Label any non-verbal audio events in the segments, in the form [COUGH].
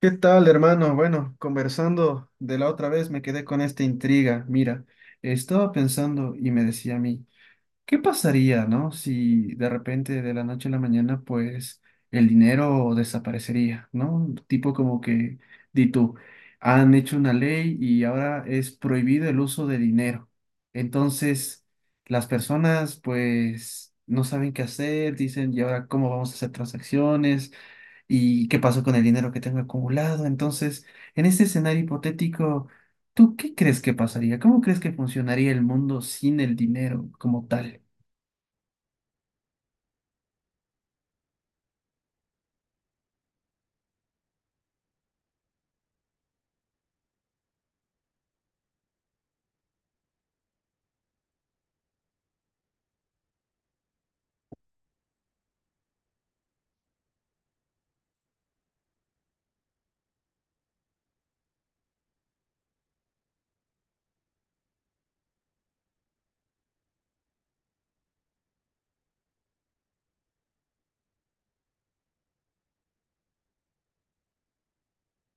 ¿Qué tal, hermano? Bueno, conversando de la otra vez me quedé con esta intriga. Mira, estaba pensando y me decía a mí, ¿qué pasaría, no? Si de repente de la noche a la mañana, pues el dinero desaparecería, ¿no? Tipo como que, di tú, han hecho una ley y ahora es prohibido el uso de dinero. Entonces, las personas, pues, no saben qué hacer, dicen, ¿y ahora cómo vamos a hacer transacciones? Y qué pasó con el dinero que tengo acumulado. Entonces, en este escenario hipotético, ¿tú qué crees que pasaría? ¿Cómo crees que funcionaría el mundo sin el dinero como tal?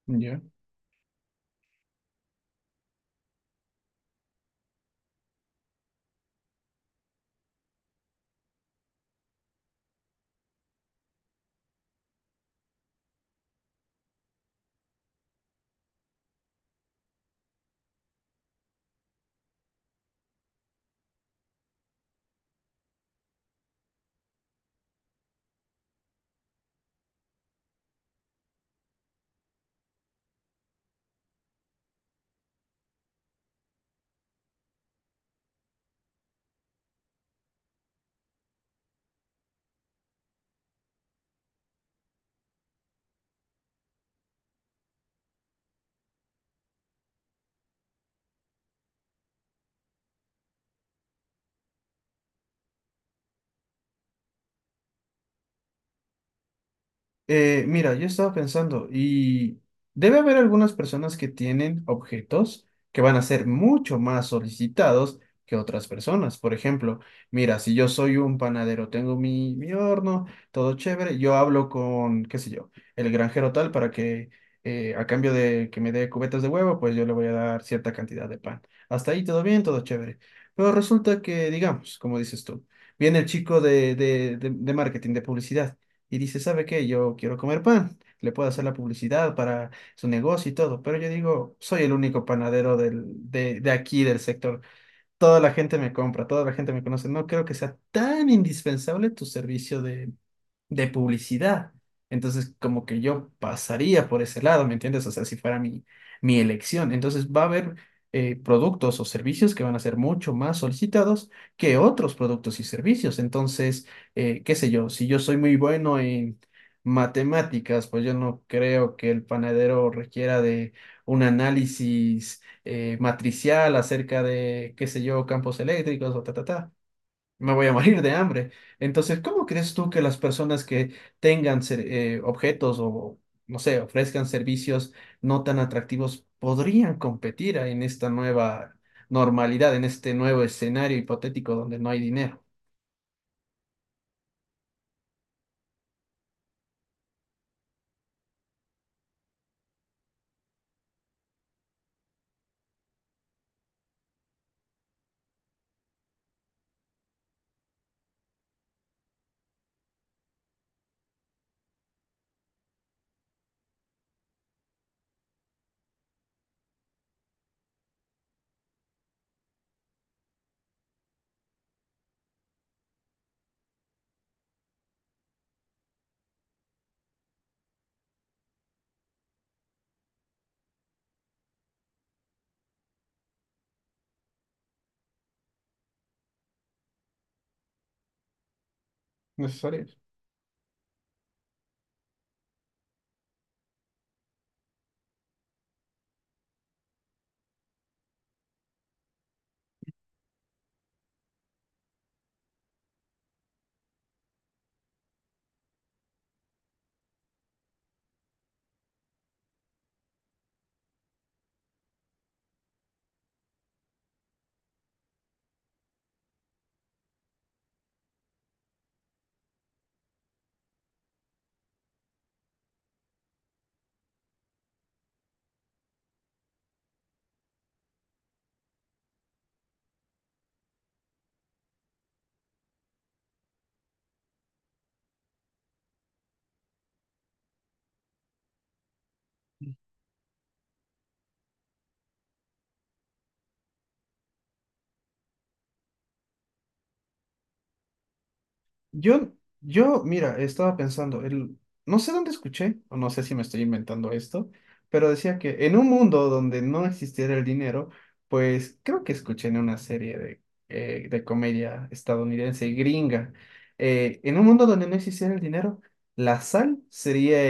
¿Ya? Mira, yo estaba pensando, y debe haber algunas personas que tienen objetos que van a ser mucho más solicitados que otras personas. Por ejemplo, mira, si yo soy un panadero, tengo mi horno, todo chévere, yo hablo con, qué sé yo, el granjero tal para que a cambio de que me dé cubetas de huevo, pues yo le voy a dar cierta cantidad de pan. Hasta ahí todo bien, todo chévere. Pero resulta que, digamos, como dices tú, viene el chico de marketing, de publicidad y dice, ¿sabe qué? Yo quiero comer pan. Le puedo hacer la publicidad para su negocio y todo, pero yo digo, soy el único panadero de aquí, del sector. Toda la gente me compra, toda la gente me conoce. No creo que sea tan indispensable tu servicio de publicidad. Entonces, como que yo pasaría por ese lado, ¿me entiendes? O sea, si fuera mi elección. Entonces, va a haber productos o servicios que van a ser mucho más solicitados que otros productos y servicios. Entonces, qué sé yo, si yo soy muy bueno en matemáticas, pues yo no creo que el panadero requiera de un análisis matricial acerca de, qué sé yo, campos eléctricos o ta, ta, ta, me voy a morir de hambre. Entonces, ¿cómo crees tú que las personas que tengan objetos o, no sé, ofrezcan servicios no tan atractivos podrían competir en esta nueva normalidad, en este nuevo escenario hipotético donde no hay dinero necesario? Yo, yo, mira, estaba pensando, el, no sé dónde escuché, o no sé si me estoy inventando esto, pero decía que en un mundo donde no existiera el dinero, pues creo que escuché en una serie de comedia estadounidense, gringa, en un mundo donde no existiera el dinero, la sal sería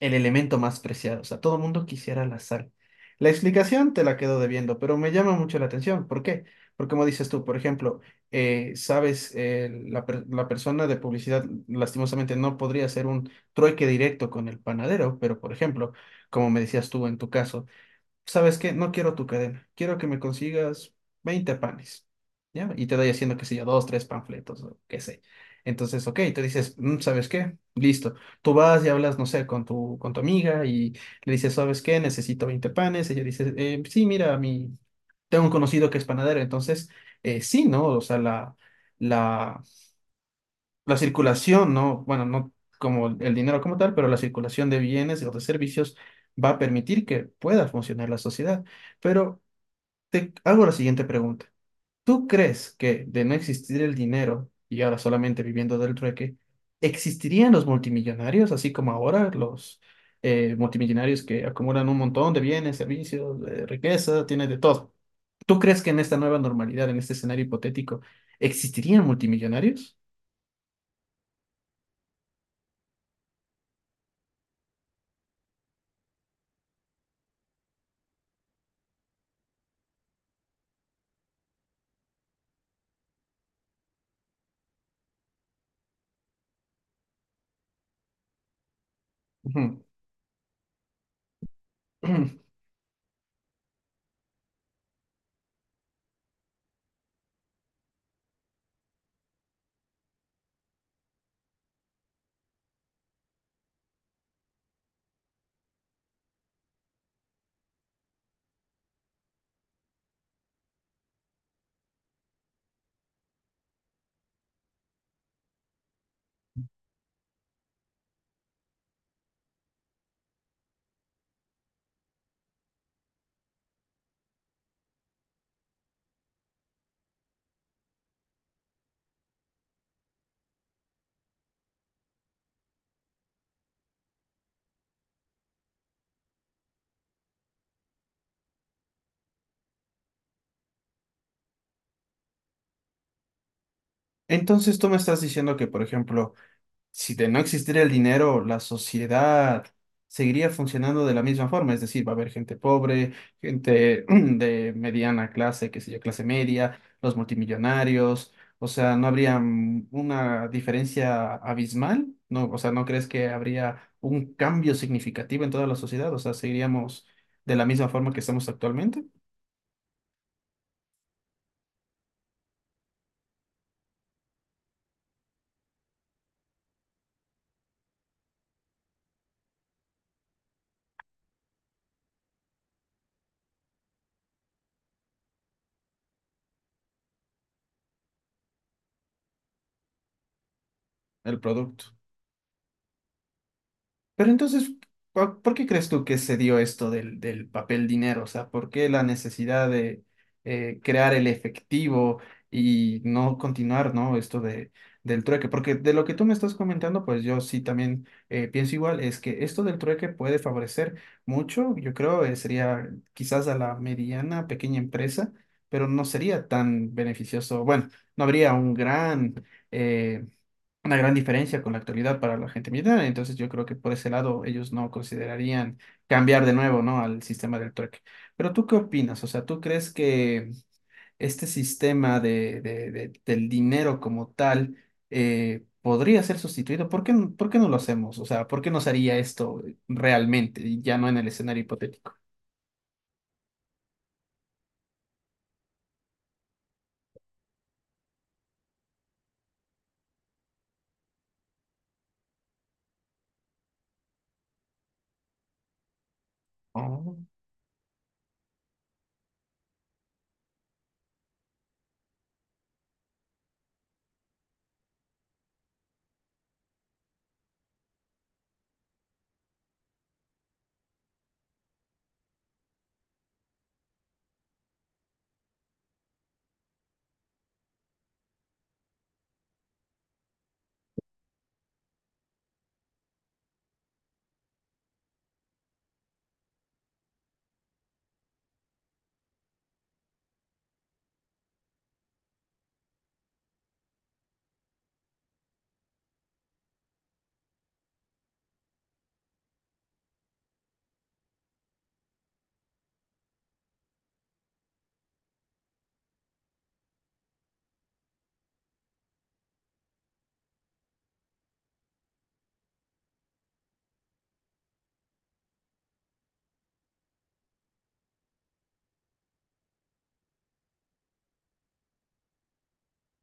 el elemento más preciado. O sea, todo el mundo quisiera la sal. La explicación te la quedo debiendo, pero me llama mucho la atención. ¿Por qué? Porque como dices tú, por ejemplo, sabes, la persona de publicidad lastimosamente no podría hacer un trueque directo con el panadero, pero por ejemplo, como me decías tú en tu caso, ¿sabes qué? No quiero tu cadena, quiero que me consigas 20 panes, ¿ya? Y te doy haciendo, qué sé yo, dos, tres panfletos o qué sé. Entonces, ok, te dices, "Mm, ¿sabes qué? Listo. Tú vas y hablas, no sé, con con tu amiga y le dices, ¿sabes qué? Necesito 20 panes. Ella dice, sí, mira, mi... tengo un conocido que es panadero, entonces, sí, ¿no? O sea, la... La, la circulación, no, bueno, no como el dinero como tal, pero la circulación de bienes o de servicios va a permitir que pueda funcionar la sociedad. Pero te hago la siguiente pregunta. ¿Tú crees que de no existir el dinero y ahora solamente viviendo del trueque, existirían los multimillonarios, así como ahora los multimillonarios que acumulan un montón de bienes, servicios, riqueza, tienen de todo? ¿Tú crees que en esta nueva normalidad, en este escenario hipotético, existirían multimillonarios? Ujú. [CLEARS THROAT] Entonces tú me estás diciendo que, por ejemplo, si de no existiera el dinero, la sociedad seguiría funcionando de la misma forma, es decir, va a haber gente pobre, gente [CLEARS THROAT] de mediana clase, qué sé yo, clase media, los multimillonarios, o sea, ¿no habría una diferencia abismal? No, o sea, ¿no crees que habría un cambio significativo en toda la sociedad? O sea, ¿seguiríamos de la misma forma que estamos actualmente? El producto. Pero entonces, ¿por qué crees tú que se dio esto del papel dinero? O sea, ¿por qué la necesidad de crear el efectivo y no continuar, ¿no? Esto de, del trueque. Porque de lo que tú me estás comentando, pues yo sí también pienso igual, es que esto del trueque puede favorecer mucho, yo creo, sería quizás a la mediana, pequeña empresa, pero no sería tan beneficioso. Bueno, no habría un gran... eh, una gran diferencia con la actualidad para la gente militar. Entonces yo creo que por ese lado ellos no considerarían cambiar de nuevo, ¿no? Al sistema del trueque. Pero ¿tú qué opinas? O sea, ¿tú crees que este sistema del dinero como tal podría ser sustituido? ¿Por qué, n- por qué no lo hacemos? O sea, ¿por qué nos haría esto realmente y ya no en el escenario hipotético?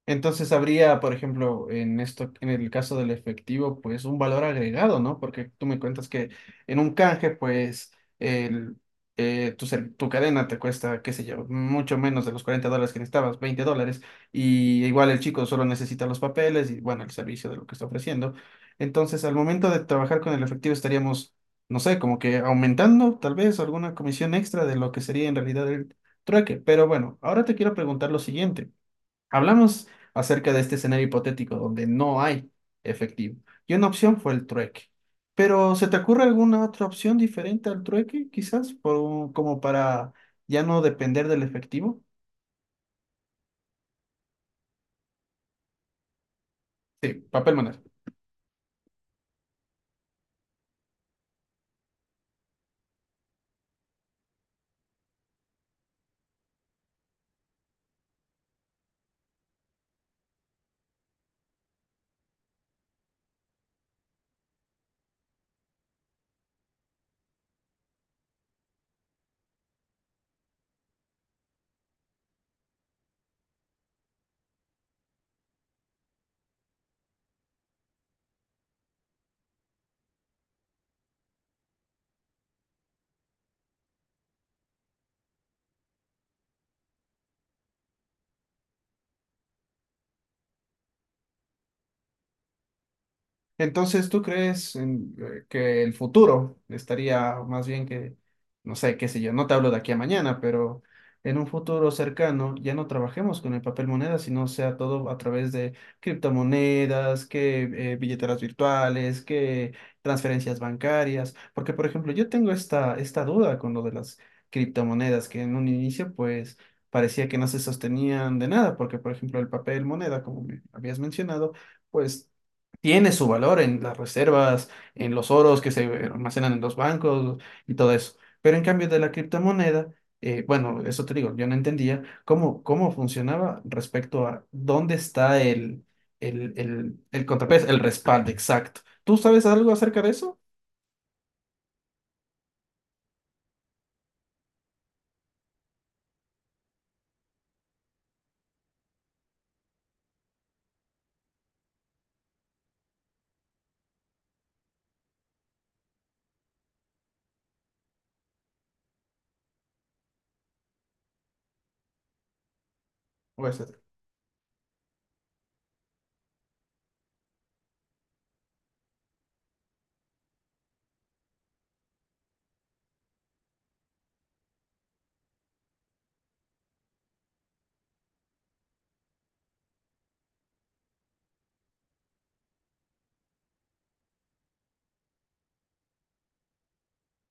Entonces habría, por ejemplo, en esto, en el caso del efectivo, pues un valor agregado, ¿no? Porque tú me cuentas que en un canje, pues el, tu cadena te cuesta, qué sé yo, mucho menos de los $40 que necesitabas, $20, y igual el chico solo necesita los papeles y, bueno, el servicio de lo que está ofreciendo. Entonces, al momento de trabajar con el efectivo estaríamos, no sé, como que aumentando tal vez alguna comisión extra de lo que sería en realidad el trueque. Pero bueno, ahora te quiero preguntar lo siguiente. Hablamos acerca de este escenario hipotético donde no hay efectivo. Y una opción fue el trueque. Pero ¿se te ocurre alguna otra opción diferente al trueque? Quizás por un- como para ya no depender del efectivo. Sí, papel moneda. Entonces, ¿tú crees en, que el futuro estaría más bien que, no sé, qué sé yo, no te hablo de aquí a mañana, pero en un futuro cercano ya no trabajemos con el papel moneda, sino sea todo a través de criptomonedas, que billeteras virtuales, que transferencias bancarias? Porque, por ejemplo, yo tengo esta duda con lo de las criptomonedas, que en un inicio, pues, parecía que no se sostenían de nada, porque, por ejemplo, el papel moneda, como me habías mencionado, pues tiene su valor en las reservas, en los oros que se almacenan en los bancos y todo eso. Pero en cambio de la criptomoneda, bueno, eso te digo, yo no entendía cómo, cómo funcionaba respecto a dónde está el contrapeso, el respaldo exacto. ¿Tú sabes algo acerca de eso? ¿O es-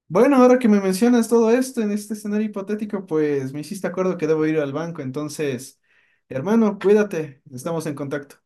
Bueno, ahora que me mencionas todo esto en este escenario hipotético, pues me hiciste acuerdo que debo ir al banco, entonces, hermano, cuídate, estamos en contacto.